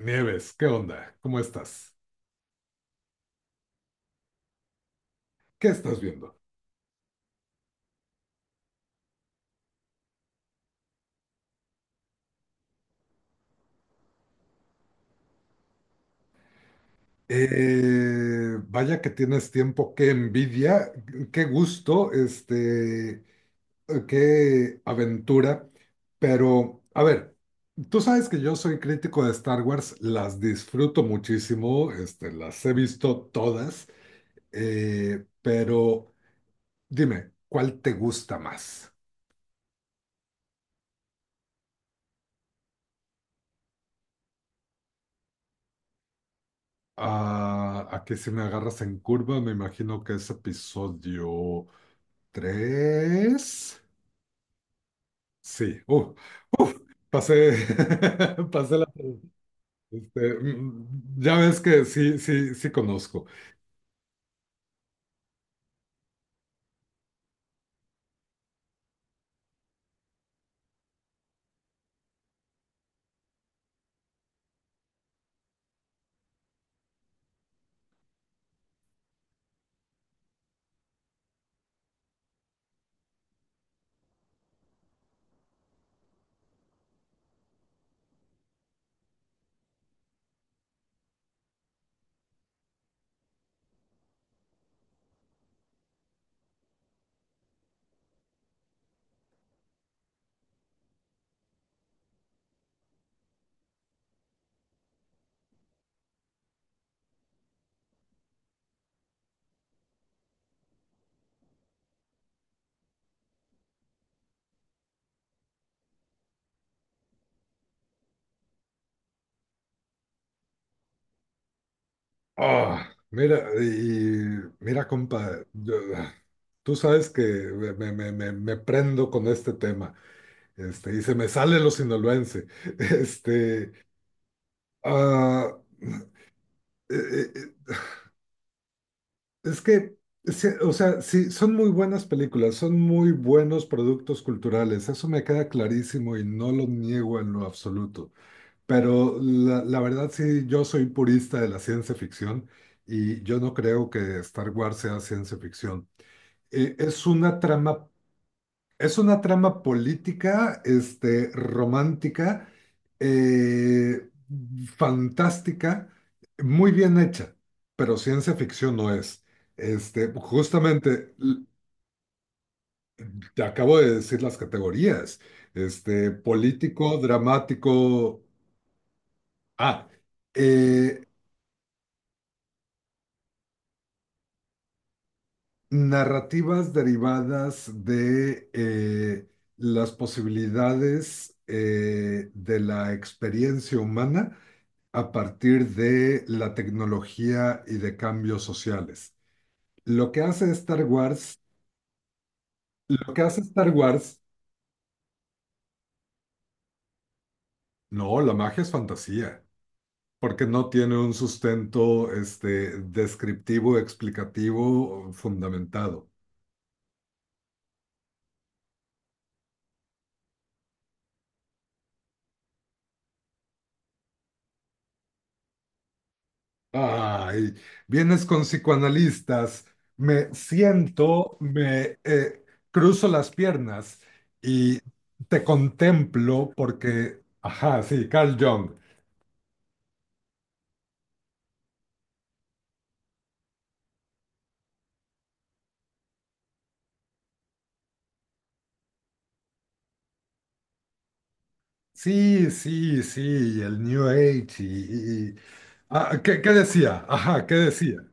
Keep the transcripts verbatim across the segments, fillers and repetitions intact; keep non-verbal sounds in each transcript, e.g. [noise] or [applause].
Nieves, ¿qué onda? ¿Cómo estás? ¿Qué estás viendo? Eh, vaya que tienes tiempo, qué envidia, qué gusto, este, qué aventura. Pero, a ver, tú sabes que yo soy crítico de Star Wars, las disfruto muchísimo, este, las he visto todas, eh, pero dime, ¿cuál te gusta más? Ah, aquí si me agarras en curva, me imagino que es episodio. Tres. Sí. Uh, uf, pasé, [laughs] pasé la... este, mm, ya ves que sí, sí, sí conozco. Ah, mira, y mira, compa, yo- tú sabes que me, me- me- me- prendo con este tema, este, y se me sale lo sinaloense. [laughs] Este, ah, eh, eh, Es que, se- o sea, sí, son muy buenas películas, son muy buenos productos culturales, eso me queda clarísimo y no lo niego en lo absoluto. Pero la, la verdad sí, yo soy purista de la ciencia ficción y yo no creo que Star Wars sea ciencia ficción. Eh, es una trama es una trama política, este, romántica, eh, fantástica, muy bien hecha, pero ciencia ficción no es. Este, justamente, l- te acabo de decir las categorías. Este, político, dramático. Ah, eh, narrativas derivadas de eh, las posibilidades eh, de la experiencia humana a partir de la tecnología y de cambios sociales. Lo que hace Star Wars, lo que hace Star Wars, no, la magia es fantasía, porque no tiene un sustento este, descriptivo, explicativo, fundamentado. Ay, vienes con psicoanalistas, me siento, me eh, cruzo las piernas y te contemplo porque, ajá, sí, Carl Jung. Sí, sí, sí, y el New Age y... y- y- ah, ¿qué, ¿qué decía? Ajá, ¿qué decía?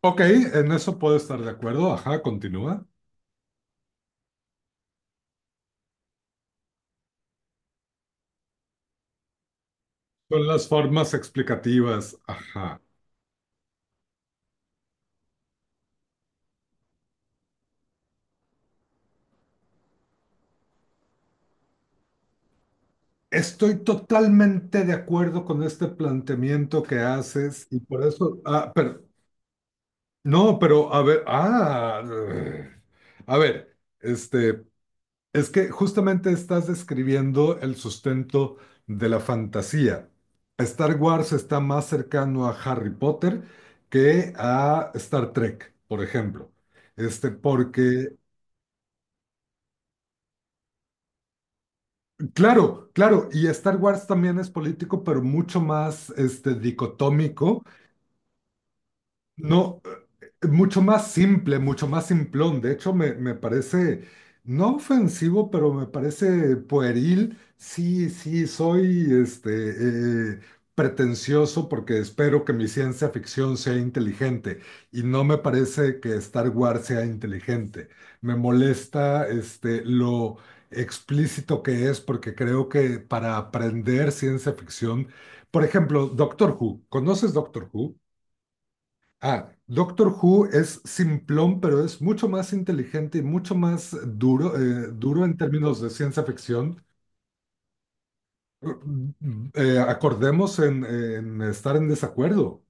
Ok, en eso puedo estar de acuerdo. Ajá, continúa. Son las formas explicativas. Ajá. Estoy totalmente de acuerdo con este planteamiento que haces y por eso... Ah, pero... No, pero a ver... Ah... eh, A ver, este... Es que justamente estás describiendo el sustento de la fantasía. Star Wars está más cercano a Harry Potter que a Star Trek, por ejemplo. Este, porque, claro, claro, y Star Wars también es político, pero mucho más este, dicotómico. No, eh, mucho más simple, mucho más simplón. De hecho, me, me parece, no ofensivo, pero me parece pueril. Sí, sí, soy este, eh, pretencioso porque espero que mi ciencia ficción sea inteligente y no me parece que Star Wars sea inteligente. Me molesta este, lo explícito que es porque creo que para aprender ciencia ficción, por ejemplo, Doctor Who, ¿conoces Doctor Who? Ah, Doctor Who es simplón, pero es mucho más inteligente y mucho más duro, eh, duro en términos de ciencia ficción. Eh, acordemos en, en estar en desacuerdo.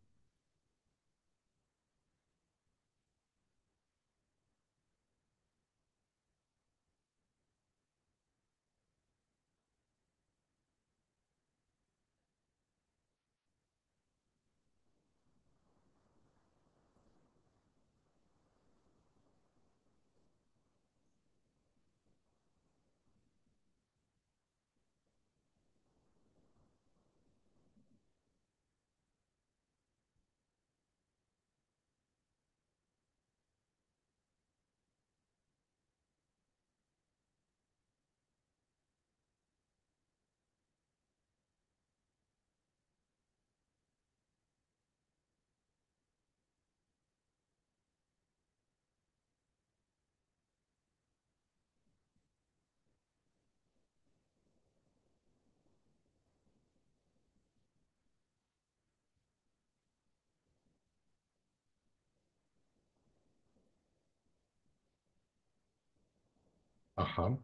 Ajá.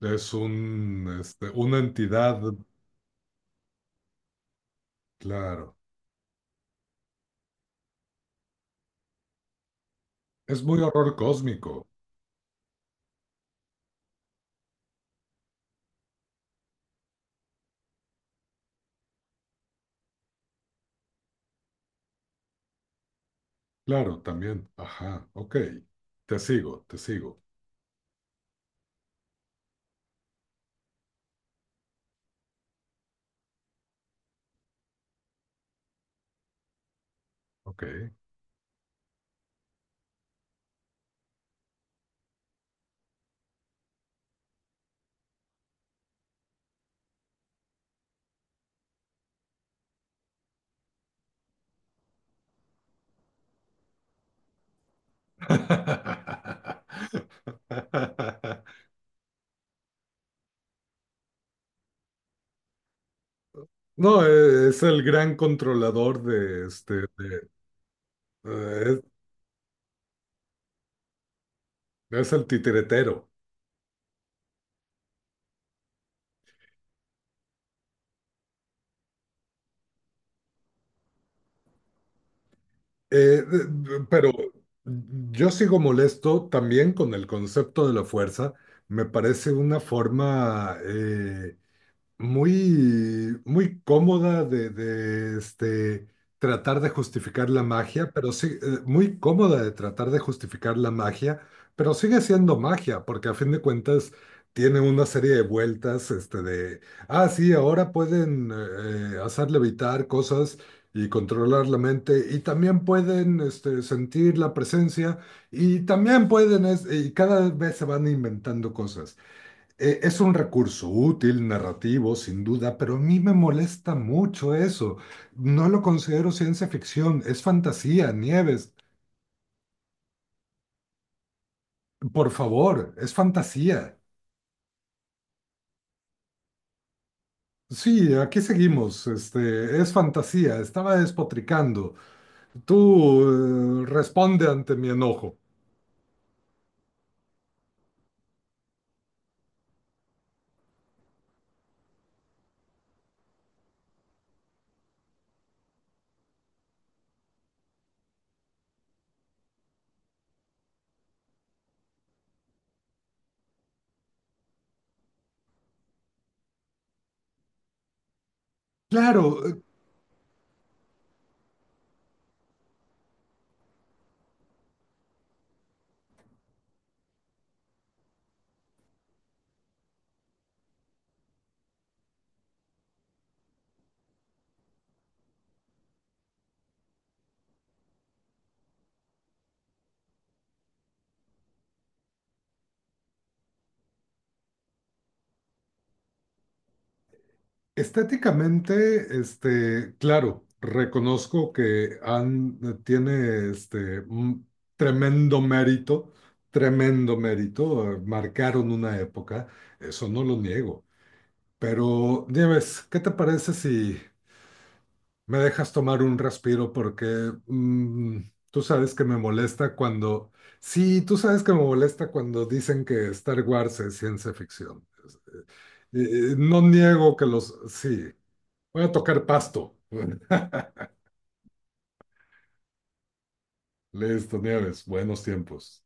Es un, este, una entidad, claro. Es muy horror cósmico, claro, también. Ajá, ok. Te sigo, te sigo. Ok. [laughs] No, eh, es el gran controlador de, este, de Eh, Es, es el titiretero. Eh, de- pero yo sigo molesto también con el concepto de la fuerza. Me parece una forma eh, muy, muy cómoda de, de, este, tratar de justificar la magia, pero sí, eh, muy cómoda de tratar de justificar la magia, pero sigue siendo magia, porque a fin de cuentas tiene una serie de vueltas, este, de, ah, sí, ahora pueden eh, hacer levitar cosas, y controlar la mente y también pueden este, sentir la presencia y también pueden es- y cada vez se van inventando cosas. eh, es un recurso útil, narrativo, sin duda, pero a mí me molesta mucho eso. No lo considero ciencia ficción, es fantasía, Nieves. Por favor, es fantasía. Sí, aquí seguimos. Este, es fantasía. Estaba despotricando. Tú, eh, responde ante mi enojo. Claro, estéticamente, este, claro, reconozco que han, eh, tiene este, un tremendo mérito, tremendo mérito, eh, marcaron una época, eso no lo niego. Pero, Nieves, ¿qué te parece si me dejas tomar un respiro? Porque mm, tú sabes que me molesta cuando, sí, tú sabes que me molesta cuando dicen que Star Wars es ciencia ficción. Eh, eh, no niego que los, sí, voy a tocar pasto. [laughs] Listo, Nieves, buenos tiempos.